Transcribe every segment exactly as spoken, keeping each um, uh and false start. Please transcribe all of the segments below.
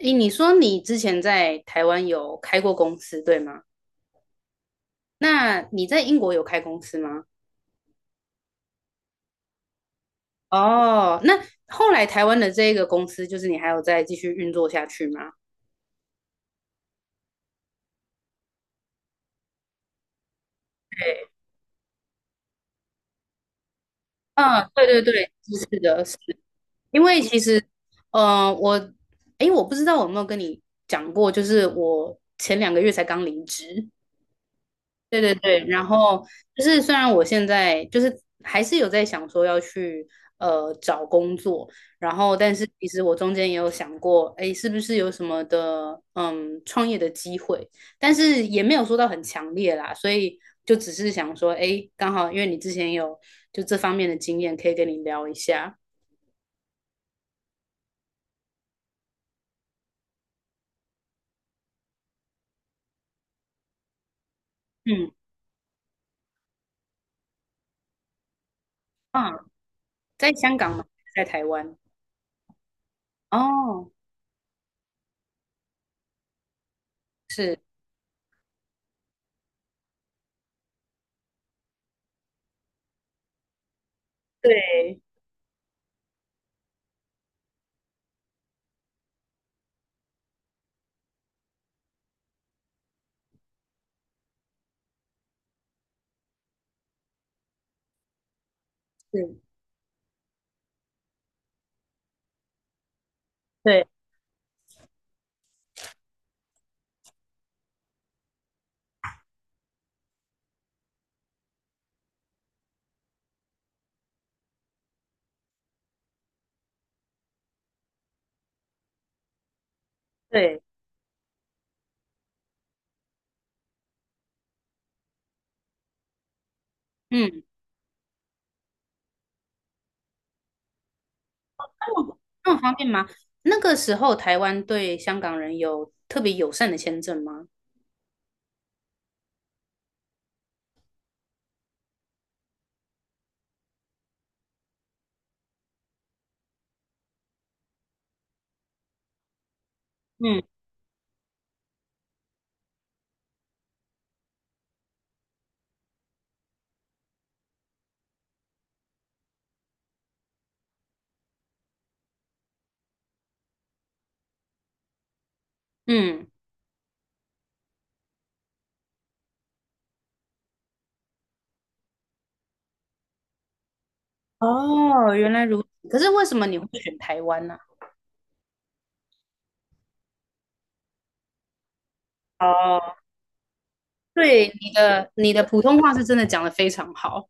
诶，你说你之前在台湾有开过公司，对吗？那你在英国有开公司吗？哦，那后来台湾的这个公司，就是你还有再继续运作下去吗？嗯，对对对，是是的，是，因为其实，呃，我，诶，我不知道我有没有跟你讲过，就是我前两个月才刚离职，对对对，然后就是虽然我现在就是还是有在想说要去呃找工作，然后但是其实我中间也有想过，哎，是不是有什么的嗯创业的机会，但是也没有说到很强烈啦，所以就只是想说，哎，刚好因为你之前有就这方面的经验，可以跟你聊一下。嗯啊，在香港吗？在台湾？哦，是，对，是，对对，嗯。那么方便吗？那个时候台湾对香港人有特别友善的签证吗？嗯嗯，哦，原来如此。可是为什么你会选台湾呢、哦，对，你的你的普通话是真的讲得非常好。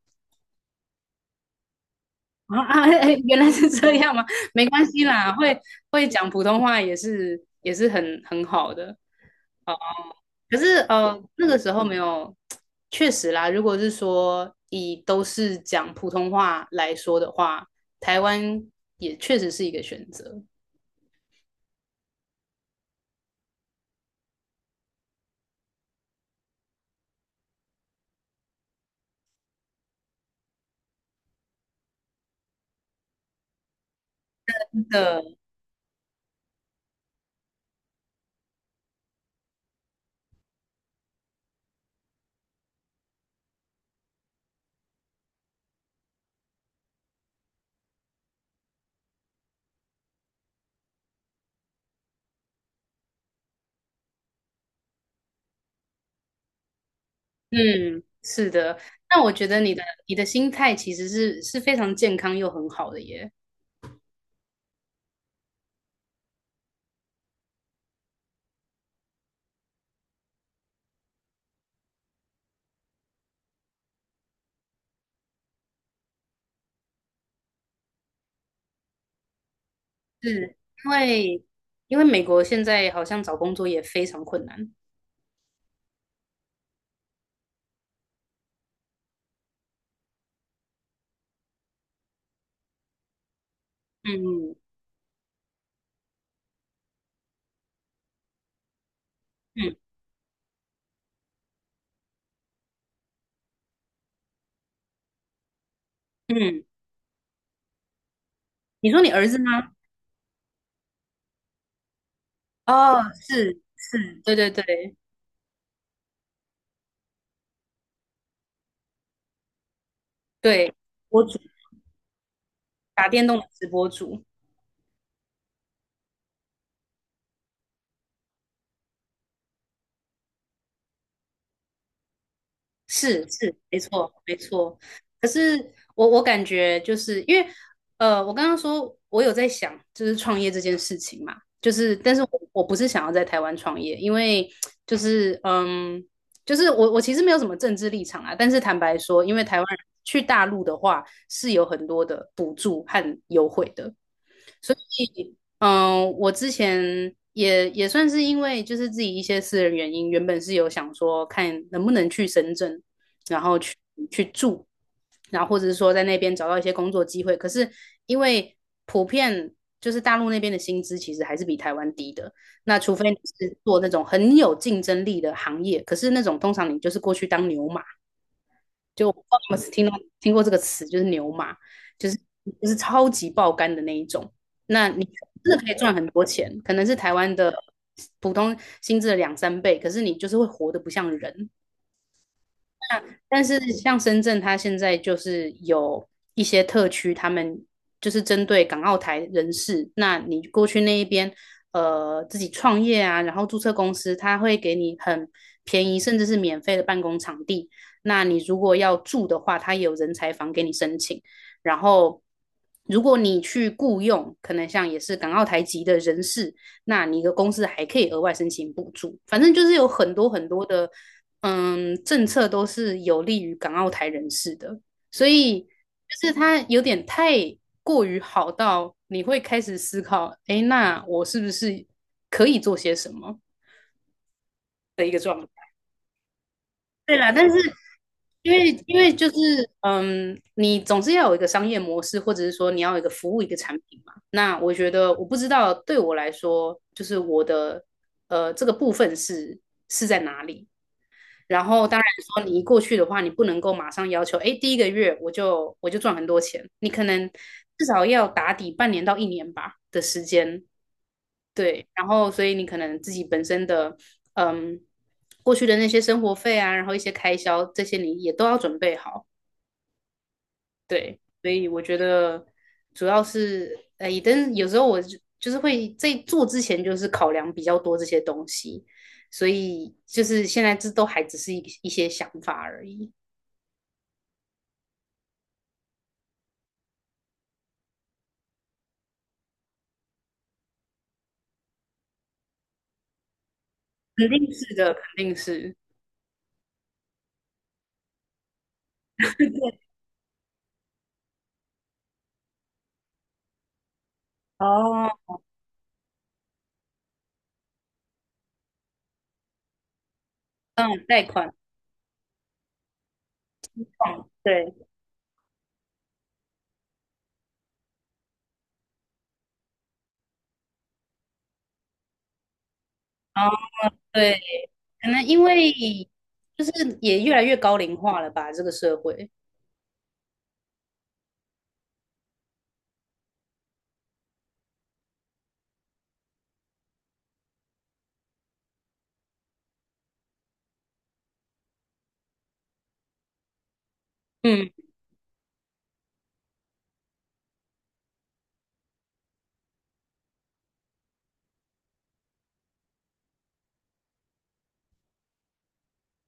啊啊！哎、哎原来是这样吗？没关系啦，会会讲普通话也是也是很很好的。哦，可是呃，那个时候没有，确实啦。如果是说以都是讲普通话来说的话，台湾也确实是一个选择的。嗯，是的。那我觉得你的你的心态其实是是非常健康又很好的耶，是因为因为美国现在好像找工作也非常困难。嗯嗯嗯，你说你儿子吗？哦，是是，对对对对，博主打电动的直播主，是是，没错没错。可是我我感觉就是因为呃，我刚刚说我有在想，就是创业这件事情嘛，就是但是我我不是想要在台湾创业，因为就是嗯，就是我我其实没有什么政治立场啊，但是坦白说，因为台湾人去大陆的话是有很多的补助和优惠的。所以，嗯，我之前也也算是因为就是自己一些私人原因，原本是有想说看能不能去深圳，然后去去住，然后或者是说在那边找到一些工作机会。可是因为普遍就是大陆那边的薪资其实还是比台湾低的，那除非你是做那种很有竞争力的行业，可是那种通常你就是过去当牛马，就我不知道你们听到听过这个词，就是牛马，就是就是超级爆肝的那一种。那你真的可以赚很多钱，可能是台湾的普通薪资的两三倍，可是你就是会活得不像人。但是像深圳，它现在就是有一些特区，他们就是针对港澳台人士，那你过去那一边，呃，自己创业啊，然后注册公司，他会给你很便宜，甚至是免费的办公场地。那你如果要住的话，他也有人才房给你申请。然后，如果你去雇佣，可能像也是港澳台籍的人士，那你的公司还可以额外申请补助。反正就是有很多很多的嗯，政策都是有利于港澳台人士的，所以就是它有点太过于好到你会开始思考，诶，那我是不是可以做些什么？对啦，但是因为因为就是嗯，你总是要有一个商业模式，或者是说你要有一个服务一个产品嘛。那我觉得我不知道对我来说，就是我的呃这个部分是是在哪里。然后当然说你一过去的话，你不能够马上要求，哎，第一个月我就我就赚很多钱，你可能至少要打底半年到一年吧的时间，对，然后所以你可能自己本身的，嗯，过去的那些生活费啊，然后一些开销这些你也都要准备好，对，所以我觉得主要是，哎，但有时候我就就是会在做之前就是考量比较多这些东西，所以就是现在这都还只是一一些想法而已。肯定是的，肯定是。哦，那种贷款嗯，对，哦，对，可能因为就是也越来越高龄化了吧，这个社会。嗯，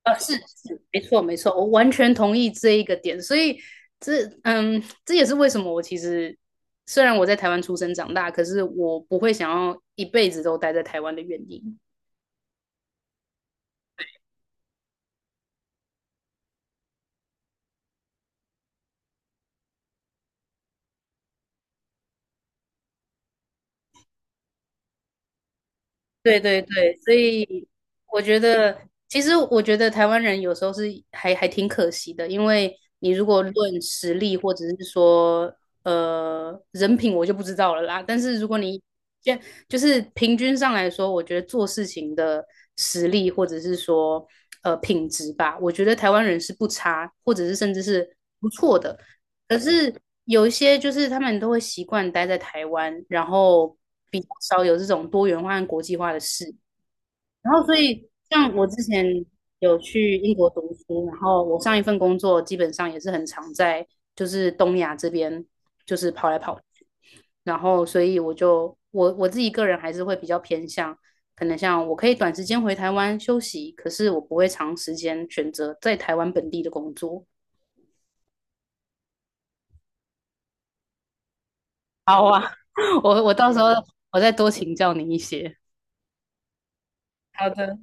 呃，是是，没错没错，我完全同意这一个点。所以这嗯，这也是为什么我其实虽然我在台湾出生长大，可是我不会想要一辈子都待在台湾的原因。对对对，所以我觉得，其实我觉得台湾人有时候是还还挺可惜的，因为你如果论实力或者是说呃人品，我就不知道了啦。但是如果你就就是平均上来说，我觉得做事情的实力或者是说呃品质吧，我觉得台湾人是不差，或者是甚至是不错的。可是有一些就是他们都会习惯待在台湾，然后比较少有这种多元化和国际化的事。然后所以像我之前有去英国读书，然后我上一份工作基本上也是很常在就是东亚这边就是跑来跑去，然后所以我就我我自己个人还是会比较偏向。可能像我可以短时间回台湾休息，可是我不会长时间选择在台湾本地的工作。好啊，我我到时候我再多请教你一些。好的。